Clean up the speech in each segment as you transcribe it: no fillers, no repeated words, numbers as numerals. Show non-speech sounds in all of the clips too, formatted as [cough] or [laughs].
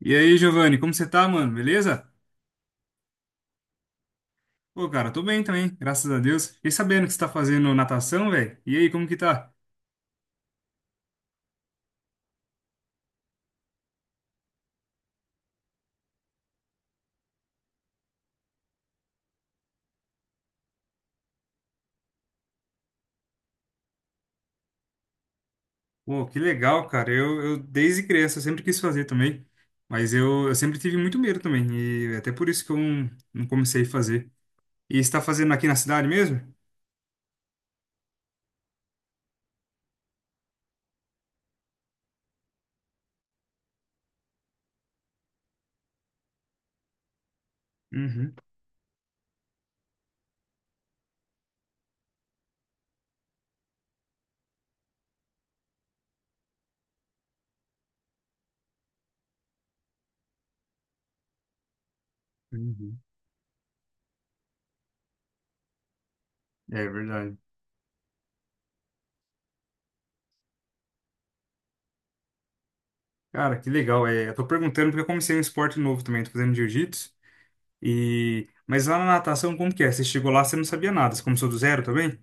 E aí, Giovanni, como você tá, mano? Beleza? Pô, cara, tô bem também, graças a Deus. Fiquei sabendo que você tá fazendo natação, velho. E aí, como que tá? Pô, que legal, cara. Eu desde criança eu sempre quis fazer também, mas eu sempre tive muito medo também, e até por isso que eu não comecei a fazer. E você tá fazendo aqui na cidade mesmo? Uhum, uhum. É verdade. Cara, que legal. É, eu tô perguntando porque eu comecei um esporte novo também, tô fazendo jiu-jitsu. E... Mas lá na natação, como que é? Você chegou lá, você não sabia nada, você começou do zero também?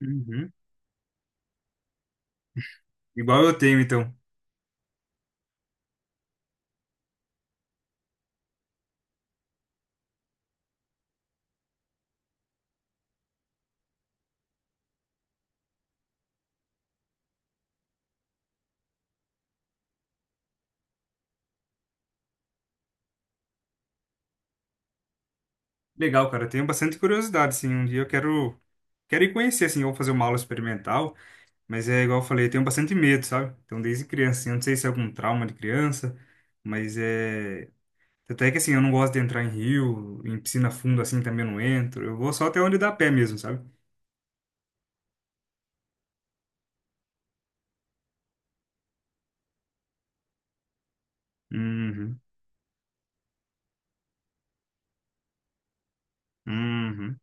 Uhum. Igual eu tenho, então. Legal, cara. Eu tenho bastante curiosidade, assim. Um dia eu quero ir conhecer, assim, ou fazer uma aula experimental. Mas é igual eu falei, eu tenho bastante medo, sabe? Então, desde criança, assim, eu não sei se é algum trauma de criança, mas é. Até que, assim, eu não gosto de entrar em rio, em piscina fundo, assim, também eu não entro. Eu vou só até onde dá pé mesmo, sabe? Uhum. Uhum.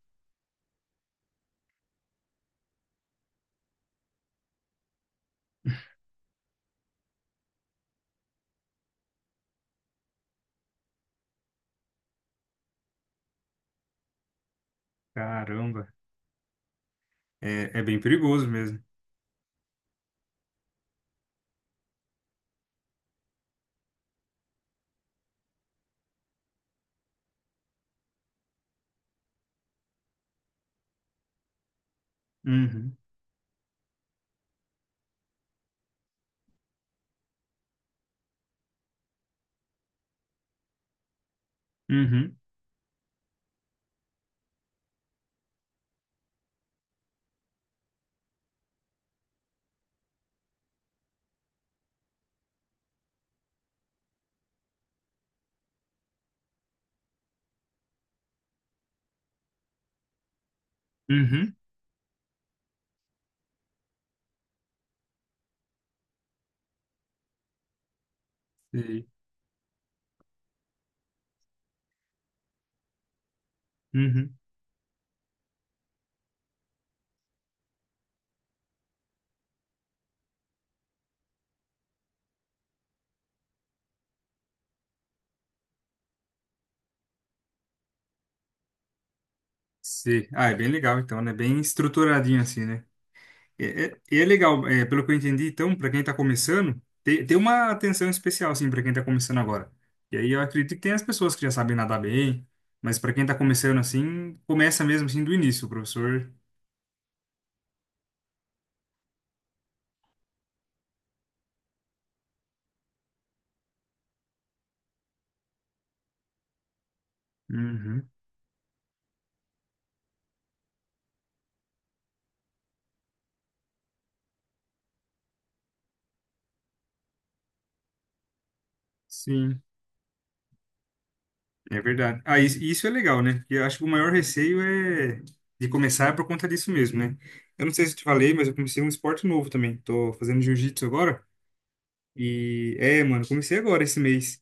Caramba. É, é bem perigoso mesmo. Uhum. Uhum. Uhum. Sei. Uhum. Sim. Ah, é bem legal, então, né? Bem estruturadinho, assim, né? É, é, e é legal, é, pelo que eu entendi, então, para quem está começando, tem uma atenção especial, assim, para quem está começando agora. E aí eu acredito que tem as pessoas que já sabem nadar bem, mas para quem está começando assim, começa mesmo assim do início, o professor. Uhum, sim, é verdade. Ah, isso é legal, né? Porque eu acho que o maior receio é de começar por conta disso mesmo, né? Eu não sei se eu te falei, mas eu comecei um esporte novo também. Tô fazendo jiu-jitsu agora. E é, mano, comecei agora esse mês.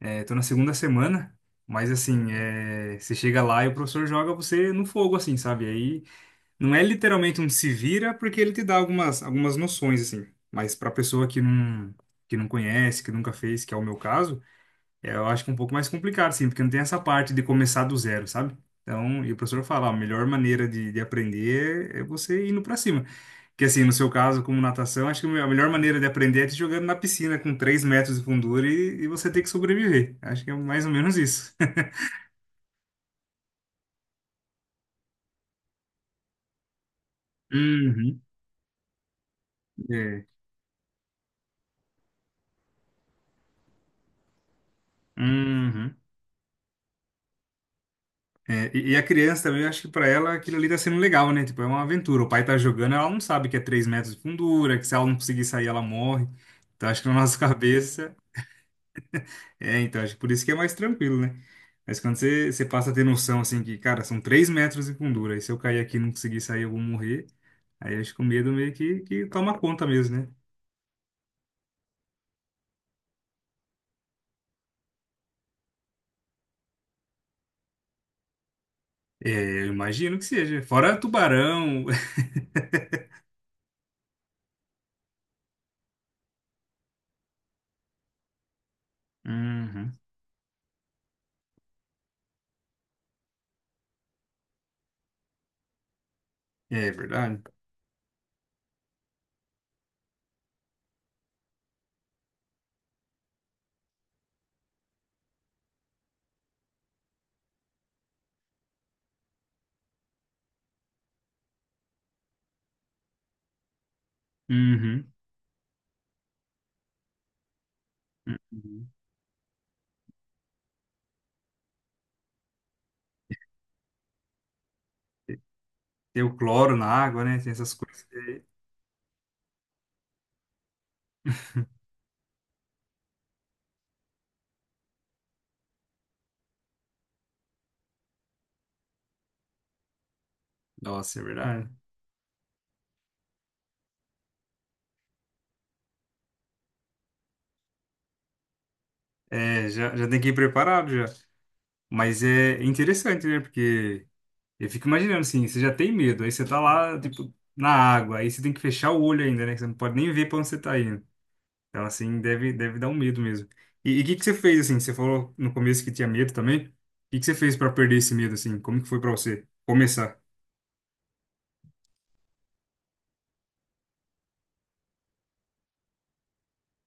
É, tô na segunda semana, mas assim, é, você chega lá e o professor joga você no fogo, assim, sabe? Aí não é literalmente um se vira, porque ele te dá algumas noções, assim. Mas pra pessoa que não conhece, que nunca fez, que é o meu caso, é, eu acho que é um pouco mais complicado, assim, porque não tem essa parte de começar do zero, sabe? Então, e o professor fala, "Ó, a melhor maneira de aprender é você indo pra cima. Que assim, no seu caso, como natação, acho que a melhor maneira de aprender é te jogando na piscina com 3 metros de fundura e você ter que sobreviver. Acho que é mais ou menos isso. [laughs] Uhum. É. Uhum. É, e a criança também, eu acho que pra ela aquilo ali tá sendo legal, né? Tipo, é uma aventura. O pai tá jogando, ela não sabe que é 3 metros de fundura, que se ela não conseguir sair, ela morre. Então acho que na nossa [laughs] cabeça. É, então acho que por isso que é mais tranquilo, né? Mas quando você passa a ter noção, assim, que, cara, são 3 metros de fundura, e se eu cair aqui e não conseguir sair, eu vou morrer. Aí eles com medo meio que toma conta mesmo, né? É, eu imagino que seja. Fora tubarão. [laughs] Uhum. É verdade. Uhum. Uhum. Tem o cloro na água, né? Tem essas coisas aí. [laughs] Nossa, é verdade. É, já tem que ir preparado já. Mas é interessante, né? Porque eu fico imaginando assim, você já tem medo, aí você tá lá, tipo, na água, aí você tem que fechar o olho ainda, né? Que você não pode nem ver pra onde você tá indo. Então, assim, deve dar um medo mesmo. E o que que você fez, assim? Você falou no começo que tinha medo também. O que que você fez para perder esse medo, assim? Como que foi para você começar?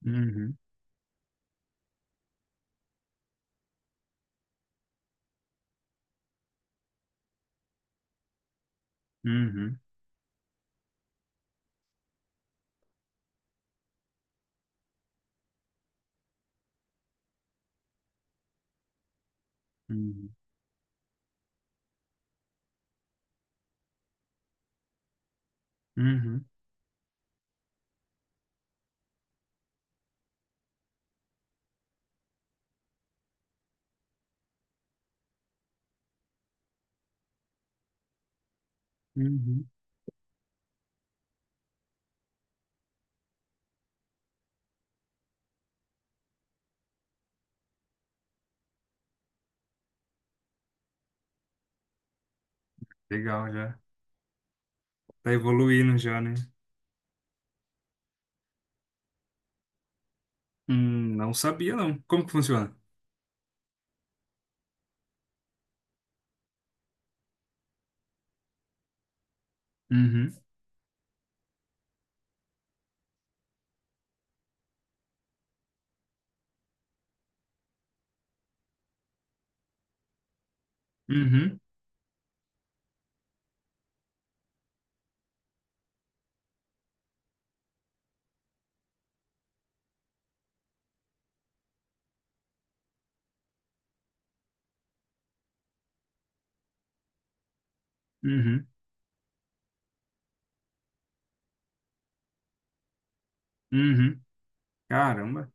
Uhum, uhum, uhum, uhum, uhum. Legal, já. Tá evoluindo já, né? Não sabia, não. Como que funciona? Uhum, uhum, uhum, uhum. Caramba.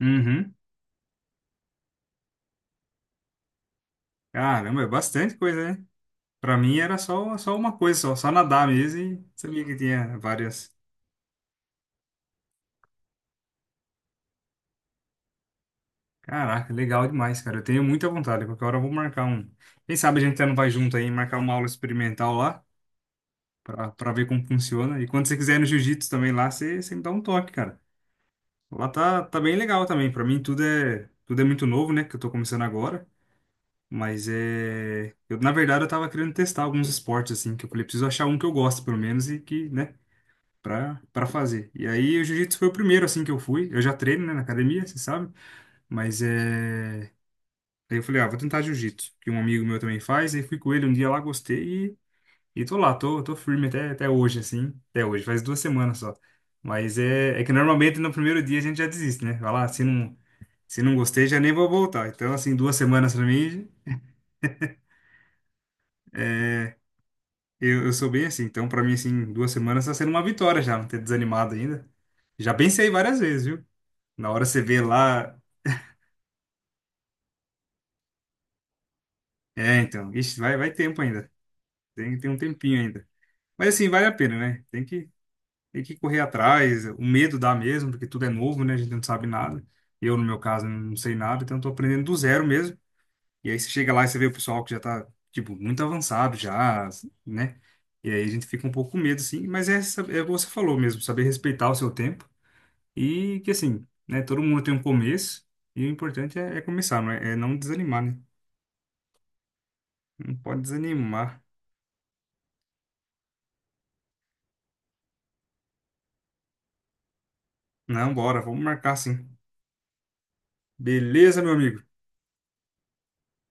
Uhum. Caramba, é bastante coisa, né? Pra mim era só uma coisa, só nadar mesmo e sabia que tinha várias. Caraca, legal demais, cara. Eu tenho muita vontade. Qualquer hora eu vou marcar um. Quem sabe a gente até não vai junto aí, marcar uma aula experimental lá, pra ver como funciona. E quando você quiser ir no jiu-jitsu também lá, você me dá um toque, cara. Lá tá bem legal também. Pra mim tudo é muito novo, né? Que eu tô começando agora. Mas é. Eu, na verdade, eu tava querendo testar alguns esportes, assim, que eu falei, preciso achar um que eu gosto, pelo menos, e que, né, pra fazer. E aí o jiu-jitsu foi o primeiro, assim, que eu fui. Eu já treino, né, na academia, você sabe. Mas é. Aí eu falei, ah, vou tentar jiu-jitsu, que um amigo meu também faz. Aí fui com ele um dia lá, gostei e tô lá, tô firme até hoje, assim. Até hoje, faz 2 semanas só. Mas é, é que normalmente no primeiro dia a gente já desiste, né? Vai lá, se não gostei, já nem vou voltar. Então, assim, 2 semanas pra mim, é, eu sou bem assim. Então, pra mim, assim, 2 semanas tá sendo uma vitória já, não ter desanimado ainda. Já pensei várias vezes, viu? Na hora você vê lá. É, então, ixi, vai tempo ainda. Tem um tempinho ainda. Mas assim, vale a pena, né? Tem que correr atrás, o medo dá mesmo, porque tudo é novo, né? A gente não sabe nada. Eu, no meu caso, não sei nada, então estou aprendendo do zero mesmo. E aí você chega lá e você vê o pessoal que já está tipo, muito avançado já, né? E aí a gente fica um pouco com medo, assim. Mas é, é o que você falou mesmo, saber respeitar o seu tempo. E que, assim, né? Todo mundo tem um começo. E o importante é começar, não é não desanimar, né? Não pode desanimar. Não, bora, vamos marcar sim. Beleza, meu amigo?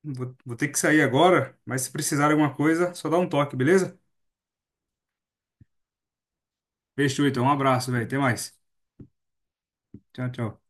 Vou ter que sair agora, mas se precisar de alguma coisa, só dá um toque, beleza? Fechou, então. Um abraço, velho. Até mais. Tchau, tchau.